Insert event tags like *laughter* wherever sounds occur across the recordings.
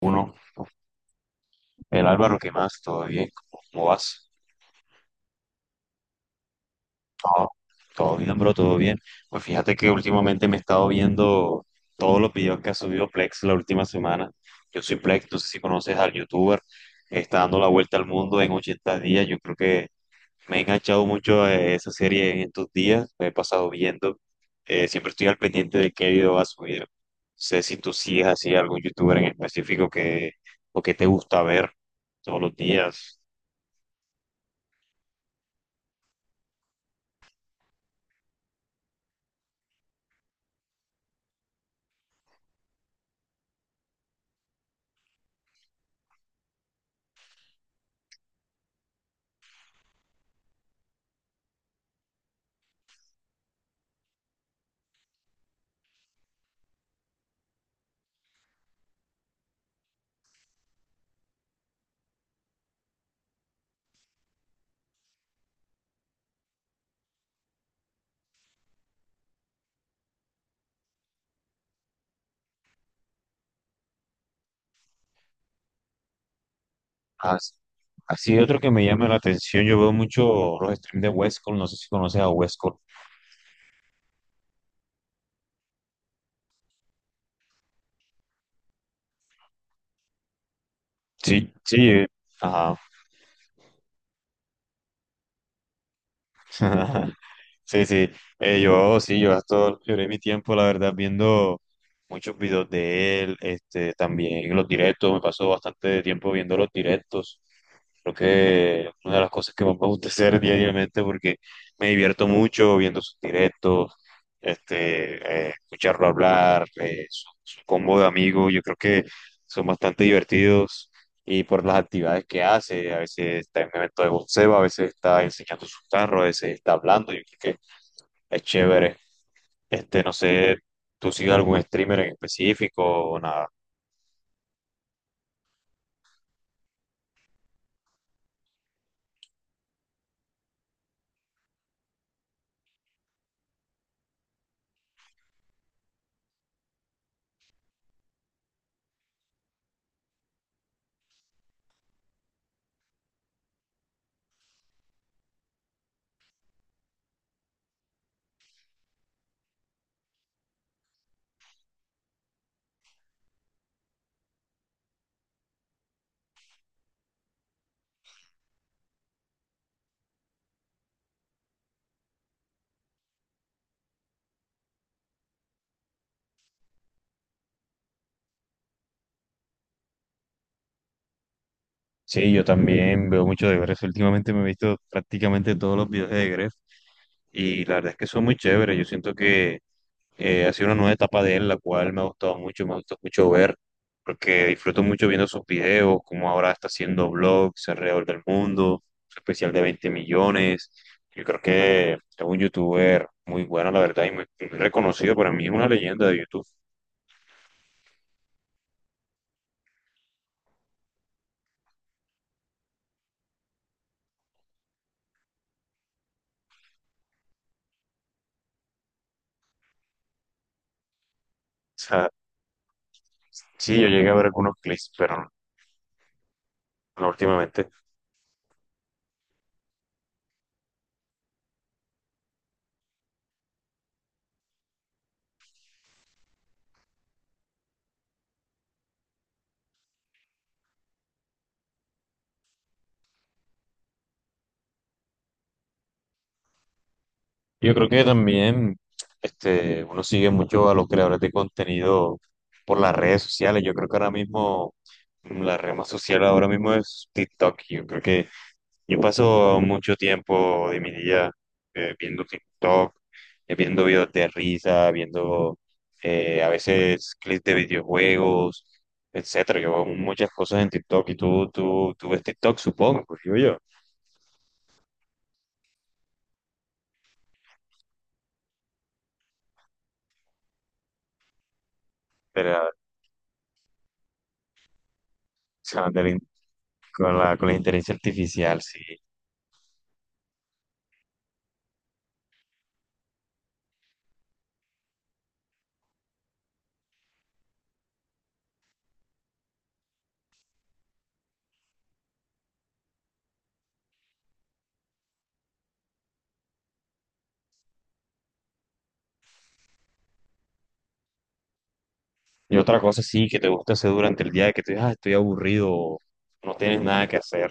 Uno, el Álvaro, ¿qué más? ¿Todo bien? ¿Cómo vas? Todo, todo bien, bro, todo bien. Pues fíjate que últimamente me he estado viendo todos los videos que ha subido Plex la última semana. Yo soy Plex, no sé si conoces al youtuber, está dando la vuelta al mundo en 80 días. Yo creo que me he enganchado mucho a esa serie en estos días, me he pasado viendo. Siempre estoy al pendiente de qué video va a subir. No sé si tú sigues así algún youtuber en específico que, o que te gusta ver todos los días. As- Así otro que me llama la atención, yo veo mucho los streams de Westcol, no sé si conoces a Westcol. Sí, sí, ajá. *laughs* Sí, sí, yo sí, yo gasto, lloré mi tiempo, la verdad, viendo muchos videos de él, este, también los directos, me pasó bastante tiempo viendo los directos, creo que una de las cosas que más me gusta hacer *laughs* diariamente porque me divierto mucho viendo sus directos, este, escucharlo hablar, su combo de amigos, yo creo que son bastante divertidos, y por las actividades que hace. A veces está en un evento de boxeo, a veces está enseñando sus carros, a veces está hablando. Yo creo que es chévere. Este, no sé, ¿tú sigues algún streamer en específico o nada? Sí, yo también veo mucho de Gref. Últimamente me he visto prácticamente todos los videos de Gref y la verdad es que son muy chéveres. Yo siento que ha sido una nueva etapa de él, la cual me ha gustado mucho, me ha gustado mucho ver, porque disfruto mucho viendo sus videos, como ahora está haciendo vlogs alrededor del mundo, su especial de 20 millones. Yo creo que es un youtuber muy bueno, la verdad, y muy, muy reconocido. Para mí es una leyenda de YouTube. O sea, sí, yo llegué a ver algunos clips, pero no últimamente. Yo creo que también este, uno sigue mucho a los creadores de contenido por las redes sociales. Yo creo que ahora mismo la red más social ahora mismo es TikTok. Yo creo que yo paso mucho tiempo de mi día viendo TikTok, viendo videos de risa, viendo a veces clips de videojuegos, etcétera. Yo hago muchas cosas en TikTok y tú ves TikTok, supongo, pues digo yo. Sea, con la inteligencia artificial, sí. Y otra cosa, sí, que te gusta hacer durante el día, que te digas, "Ah, estoy aburrido, o no tienes nada que hacer".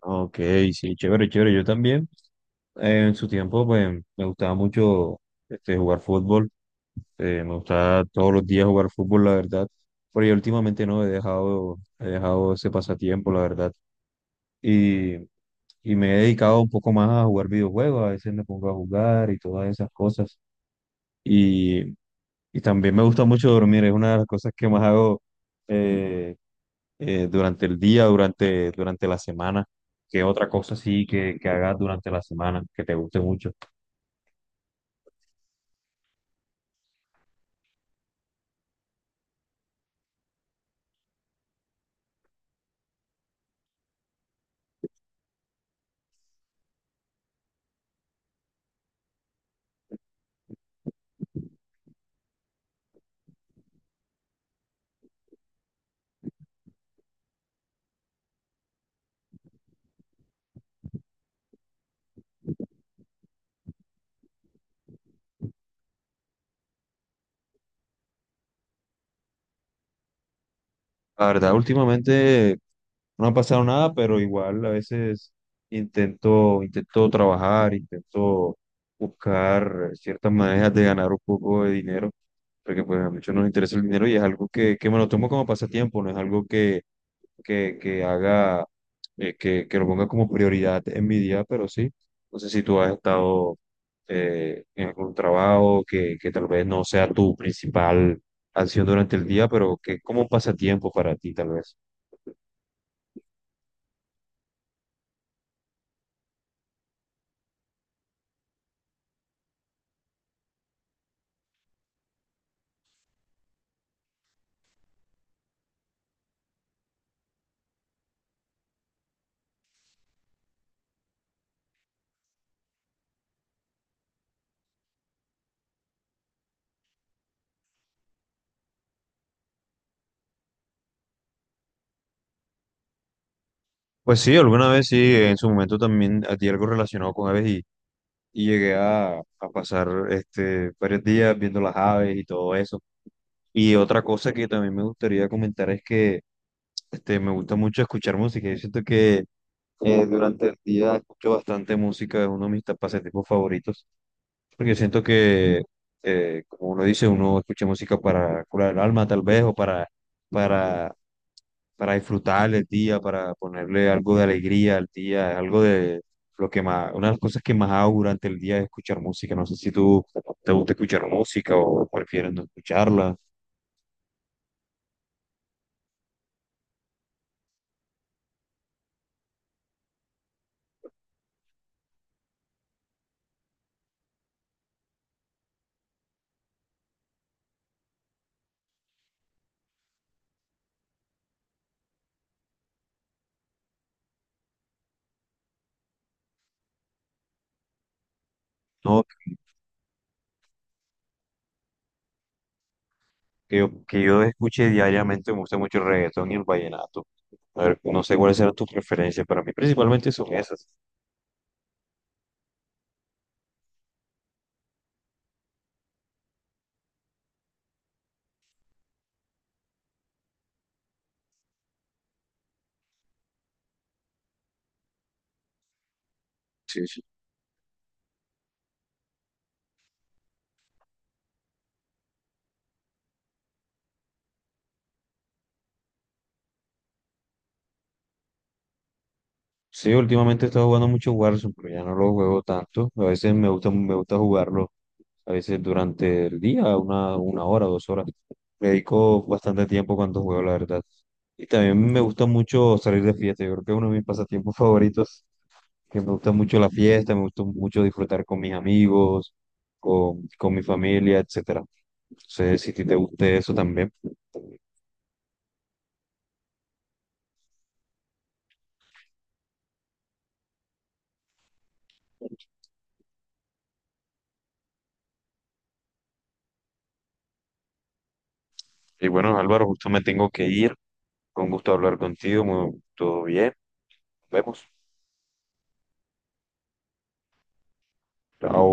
Ok, sí, chévere, chévere. Yo también en su tiempo pues me gustaba mucho este, jugar fútbol. Me gustaba todos los días jugar fútbol, la verdad. Pero yo últimamente no he dejado, he dejado ese pasatiempo, la verdad. Y, y me he dedicado un poco más a jugar videojuegos. A veces me pongo a jugar y todas esas cosas. Y también me gusta mucho dormir, es una de las cosas que más hago eh, durante el día, durante, durante la semana, qué otra cosa sí que hagas durante la semana, que te guste mucho. La verdad, últimamente no ha pasado nada, pero igual a veces intento trabajar, intento buscar ciertas maneras de ganar un poco de dinero, porque pues a muchos nos interesa el dinero y es algo que me lo tomo como pasatiempo, no es algo que que haga, que lo ponga como prioridad en mi día, pero sí, no sé si tú has estado en algún trabajo que tal vez no sea tu principal acción durante el día, pero que como pasatiempo para ti tal vez. Pues sí, alguna vez sí, en su momento también di algo relacionado con aves y llegué a pasar este, varios días viendo las aves y todo eso. Y otra cosa que también me gustaría comentar es que este, me gusta mucho escuchar música. Yo siento que durante el día escucho bastante música, es uno de mis pasatiempos favoritos, porque siento que, como uno dice, uno escucha música para curar el alma tal vez, o para, para, para disfrutar el día, para ponerle algo de alegría al día, es algo de lo que más, una de las cosas que más hago durante el día es escuchar música, no sé si tú te gusta escuchar música o prefieres no escucharla, ¿no? Que yo, que yo escuche diariamente, me gusta mucho el reggaetón y el vallenato. A ver, no sé cuáles serán tus preferencias, para mí principalmente son esas. Sí, últimamente he estado jugando mucho Warzone, pero ya no lo juego tanto. A veces me gusta jugarlo, a veces durante el día, una hora, 2 horas. Me dedico bastante tiempo cuando juego, la verdad. Y también me gusta mucho salir de fiesta. Yo creo que es uno de mis pasatiempos *laughs* favoritos, que me gusta mucho la fiesta, me gusta mucho disfrutar con mis amigos, con mi familia, etcétera. No sé si a ti te guste eso también. Y bueno, Álvaro, justo me tengo que ir. Con gusto hablar contigo. Todo bien. Nos vemos. Chao.